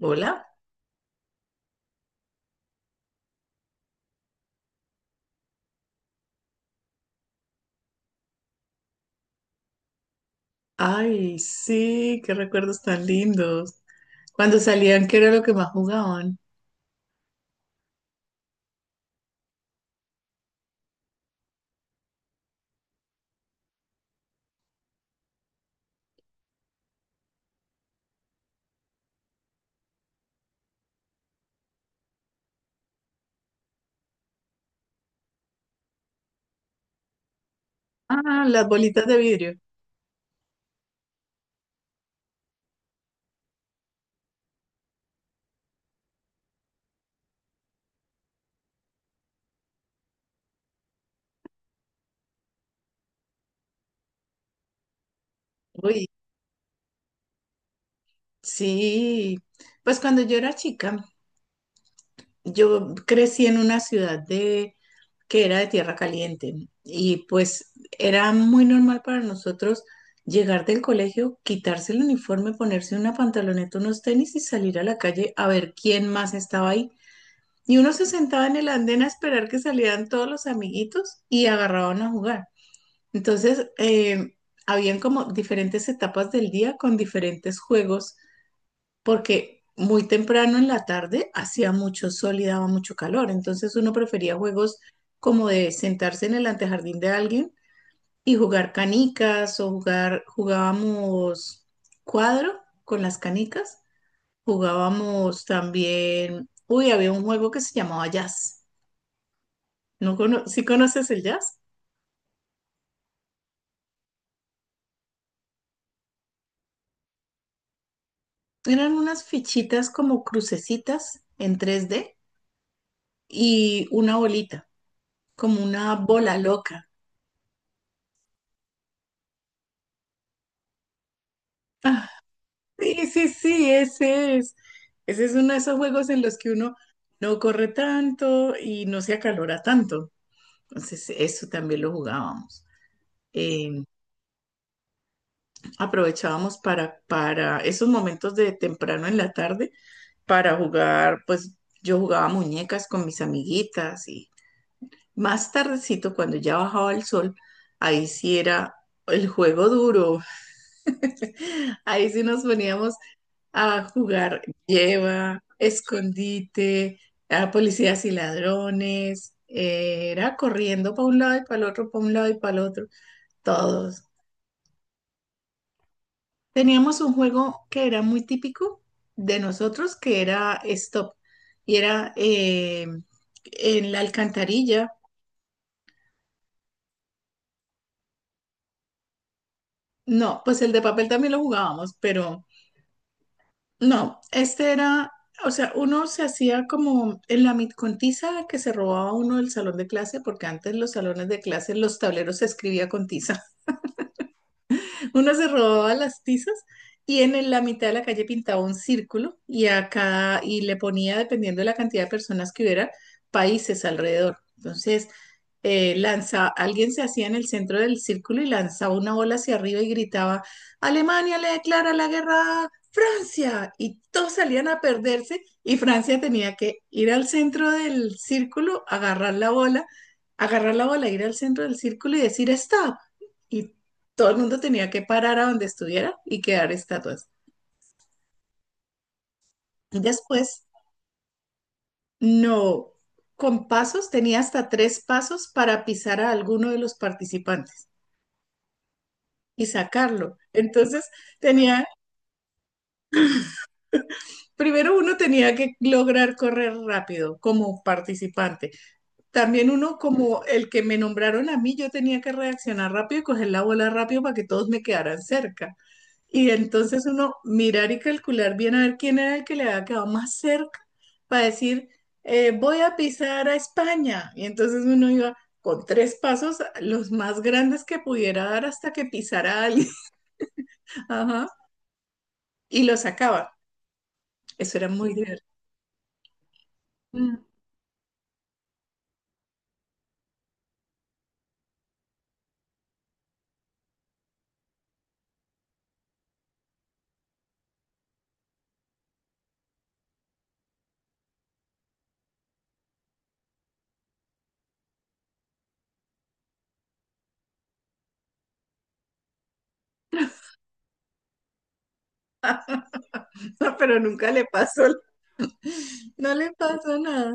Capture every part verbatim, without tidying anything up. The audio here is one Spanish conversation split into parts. Hola. Ay, sí, qué recuerdos tan lindos. Cuando salían, ¿qué era lo que más jugaban? Ah, las bolitas de vidrio. Uy, sí. Pues cuando yo era chica, yo crecí en una ciudad de que era de tierra caliente y pues era muy normal para nosotros llegar del colegio, quitarse el uniforme, ponerse una pantaloneta, unos tenis y salir a la calle a ver quién más estaba ahí. Y uno se sentaba en el andén a esperar que salieran todos los amiguitos y agarraban a jugar. Entonces, eh, habían como diferentes etapas del día con diferentes juegos, porque muy temprano en la tarde hacía mucho sol y daba mucho calor. Entonces, uno prefería juegos como de sentarse en el antejardín de alguien y jugar canicas o jugar, jugábamos cuadro con las canicas, jugábamos también, uy, había un juego que se llamaba jazz. ¿No cono ¿Sí conoces el jazz? Eran unas fichitas como crucecitas en tres D y una bolita, como una bola loca. Ah, sí, sí, sí, ese es. Ese es uno de esos juegos en los que uno no corre tanto y no se acalora tanto. Entonces, eso también lo jugábamos. Eh, aprovechábamos para, para esos momentos de temprano en la tarde para jugar, pues yo jugaba muñecas con mis amiguitas y más tardecito, cuando ya bajaba el sol, ahí sí era el juego duro. Ahí sí nos poníamos a jugar lleva, escondite, a policías y ladrones. eh, Era corriendo para un lado y para el otro, para un lado y para el otro. Todos. Teníamos un juego que era muy típico de nosotros, que era Stop. Y era eh, en la alcantarilla. No, pues el de papel también lo jugábamos, pero... No, este era, o sea, uno se hacía como en la mitcontiza que se robaba uno del salón de clase, porque antes los salones de clase, los tableros se escribía con tiza. Uno se robaba las tizas y en el- la mitad de la calle pintaba un círculo y acá y le ponía, dependiendo de la cantidad de personas que hubiera, países alrededor. Entonces, eh, lanza, alguien se hacía en el centro del círculo y lanzaba una bola hacia arriba y gritaba, Alemania le declara la guerra a Francia. Y todos salían a perderse y Francia tenía que ir al centro del círculo, agarrar la bola, agarrar la bola, ir al centro del círculo y decir stop. Y todo el mundo tenía que parar a donde estuviera y quedar estatuas. Y después, no, con pasos, tenía hasta tres pasos para pisar a alguno de los participantes y sacarlo. Entonces, tenía, primero uno tenía que lograr correr rápido como participante. También uno como el que me nombraron a mí, yo tenía que reaccionar rápido y coger la bola rápido para que todos me quedaran cerca. Y entonces uno mirar y calcular bien a ver quién era el que le había quedado más cerca para decir, eh, voy a pisar a España. Y entonces uno iba con tres pasos, los más grandes que pudiera dar hasta que pisara a alguien. Ajá. Y lo sacaba. Eso era muy divertido. Pero nunca le pasó, no le pasó nada.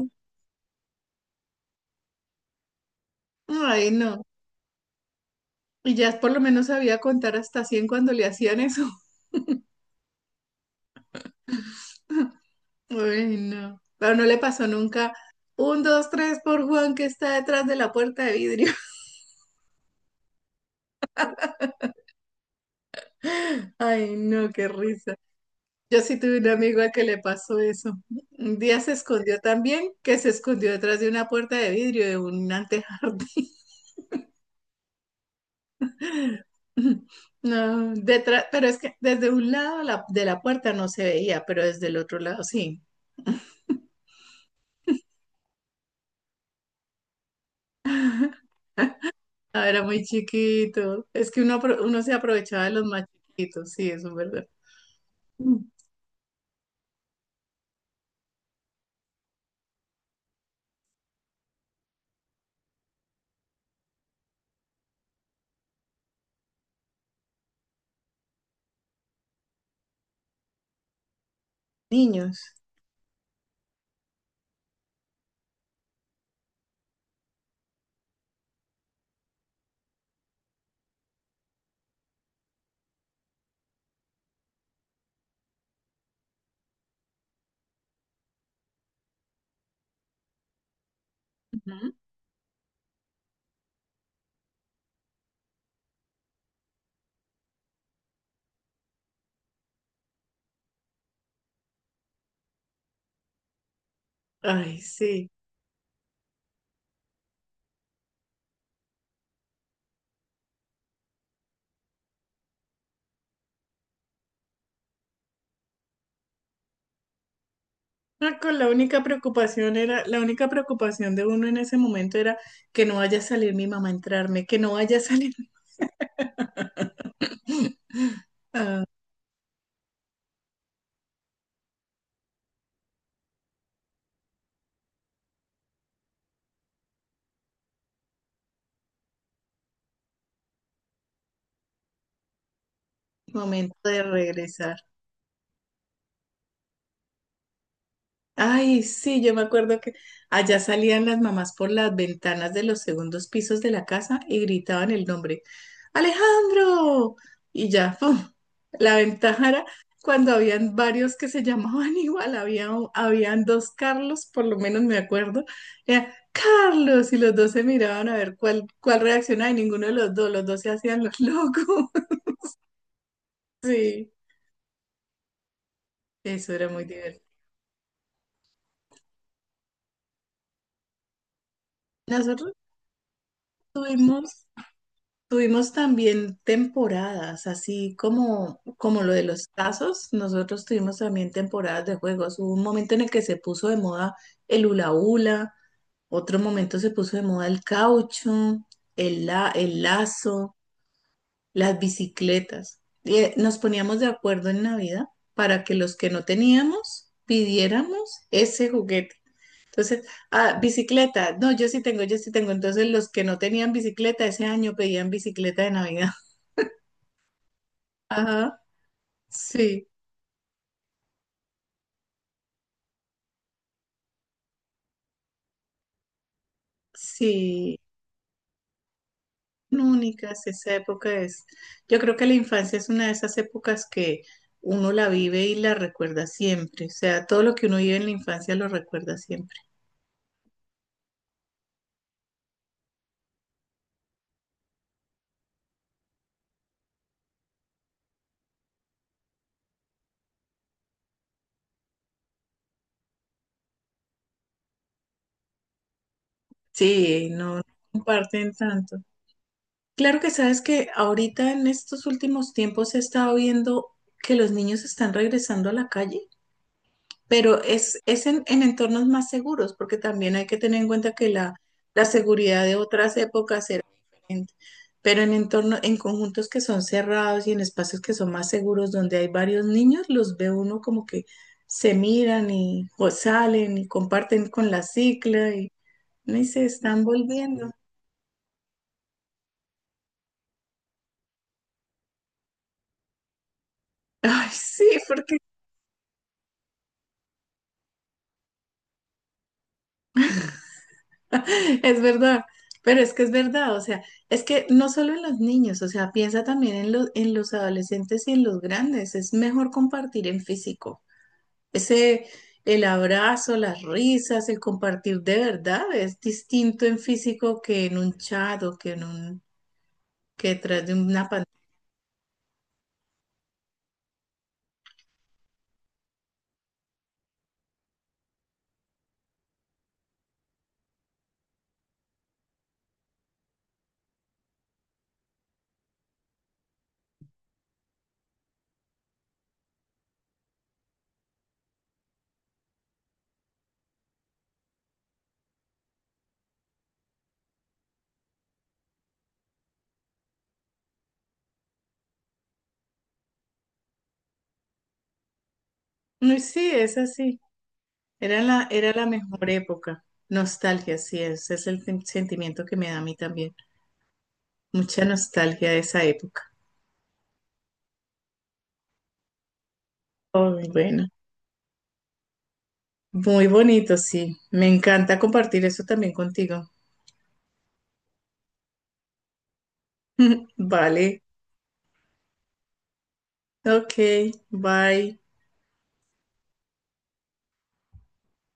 Ay, no. Y ya por lo menos sabía contar hasta cien cuando le hacían eso. Ay, no. Pero no le pasó nunca. Un, dos, tres por Juan que está detrás de la puerta de vidrio. Ay, no, qué risa. Yo sí tuve un amigo al que le pasó eso. Un día se escondió también, que se escondió detrás de una puerta de vidrio de un antejardín. No, detrás, pero es que desde un lado la- de la puerta no se veía, pero desde el otro lado sí. Ah, era muy chiquito. Es que uno, apro- uno se aprovechaba de los más chiquitos, sí, eso es verdad. Mm. Niños. Ujú. Ay, sí. Ah, con la única preocupación era, la única preocupación de uno en ese momento era que no vaya a salir mi mamá a entrarme, que no vaya a salir. Ah, momento de regresar. Ay, sí, yo me acuerdo que allá salían las mamás por las ventanas de los segundos pisos de la casa y gritaban el nombre, Alejandro. Y ya, ¡pum! La ventaja era cuando habían varios que se llamaban igual, había, un- habían dos Carlos, por lo menos me acuerdo, era Carlos y los dos se miraban a ver cuál, cuál reaccionaba y ninguno de los dos, los dos se hacían los locos. Sí, eso era muy divertido. Nosotros tuvimos... Tuvimos también temporadas, así como, como lo de los tazos, nosotros tuvimos también temporadas de juegos. Hubo un momento en el que se puso de moda el hula hula, otro momento se puso de moda el caucho, el, la- el lazo, las bicicletas. Y, eh, nos poníamos de acuerdo en Navidad para que los que no teníamos pidiéramos ese juguete. Entonces, ah, bicicleta, no, yo sí tengo, yo sí tengo. Entonces, los que no tenían bicicleta ese año pedían bicicleta de Navidad. Ajá, sí, sí, únicas, esa época es, yo creo que la infancia es una de esas épocas que uno la vive y la recuerda siempre, o sea, todo lo que uno vive en la infancia lo recuerda siempre. Sí, no comparten tanto. Claro que sabes que ahorita en estos últimos tiempos he estado viendo que los niños están regresando a la calle, pero es, es en, en entornos más seguros, porque también hay que tener en cuenta que la, la seguridad de otras épocas era diferente, pero en entornos, en conjuntos que son cerrados y en espacios que son más seguros, donde hay varios niños, los ve uno como que se miran y o salen y comparten con la cicla y, no y se están volviendo. Ay, sí, porque es verdad, pero es que es verdad, o sea, es que no solo en los niños, o sea, piensa también en los, en los adolescentes y en los grandes, es mejor compartir en físico. Ese, el abrazo, las risas, el compartir de verdad es distinto en físico que en un chat o que en un, que detrás de una pantalla. No, sí, es así, era la, era la mejor época. Nostalgia, sí, ese es el sen- sentimiento que me da a mí también. Mucha nostalgia de esa época. Oh, bueno. Muy bonito, sí. Me encanta compartir eso también contigo. Vale. Ok, bye.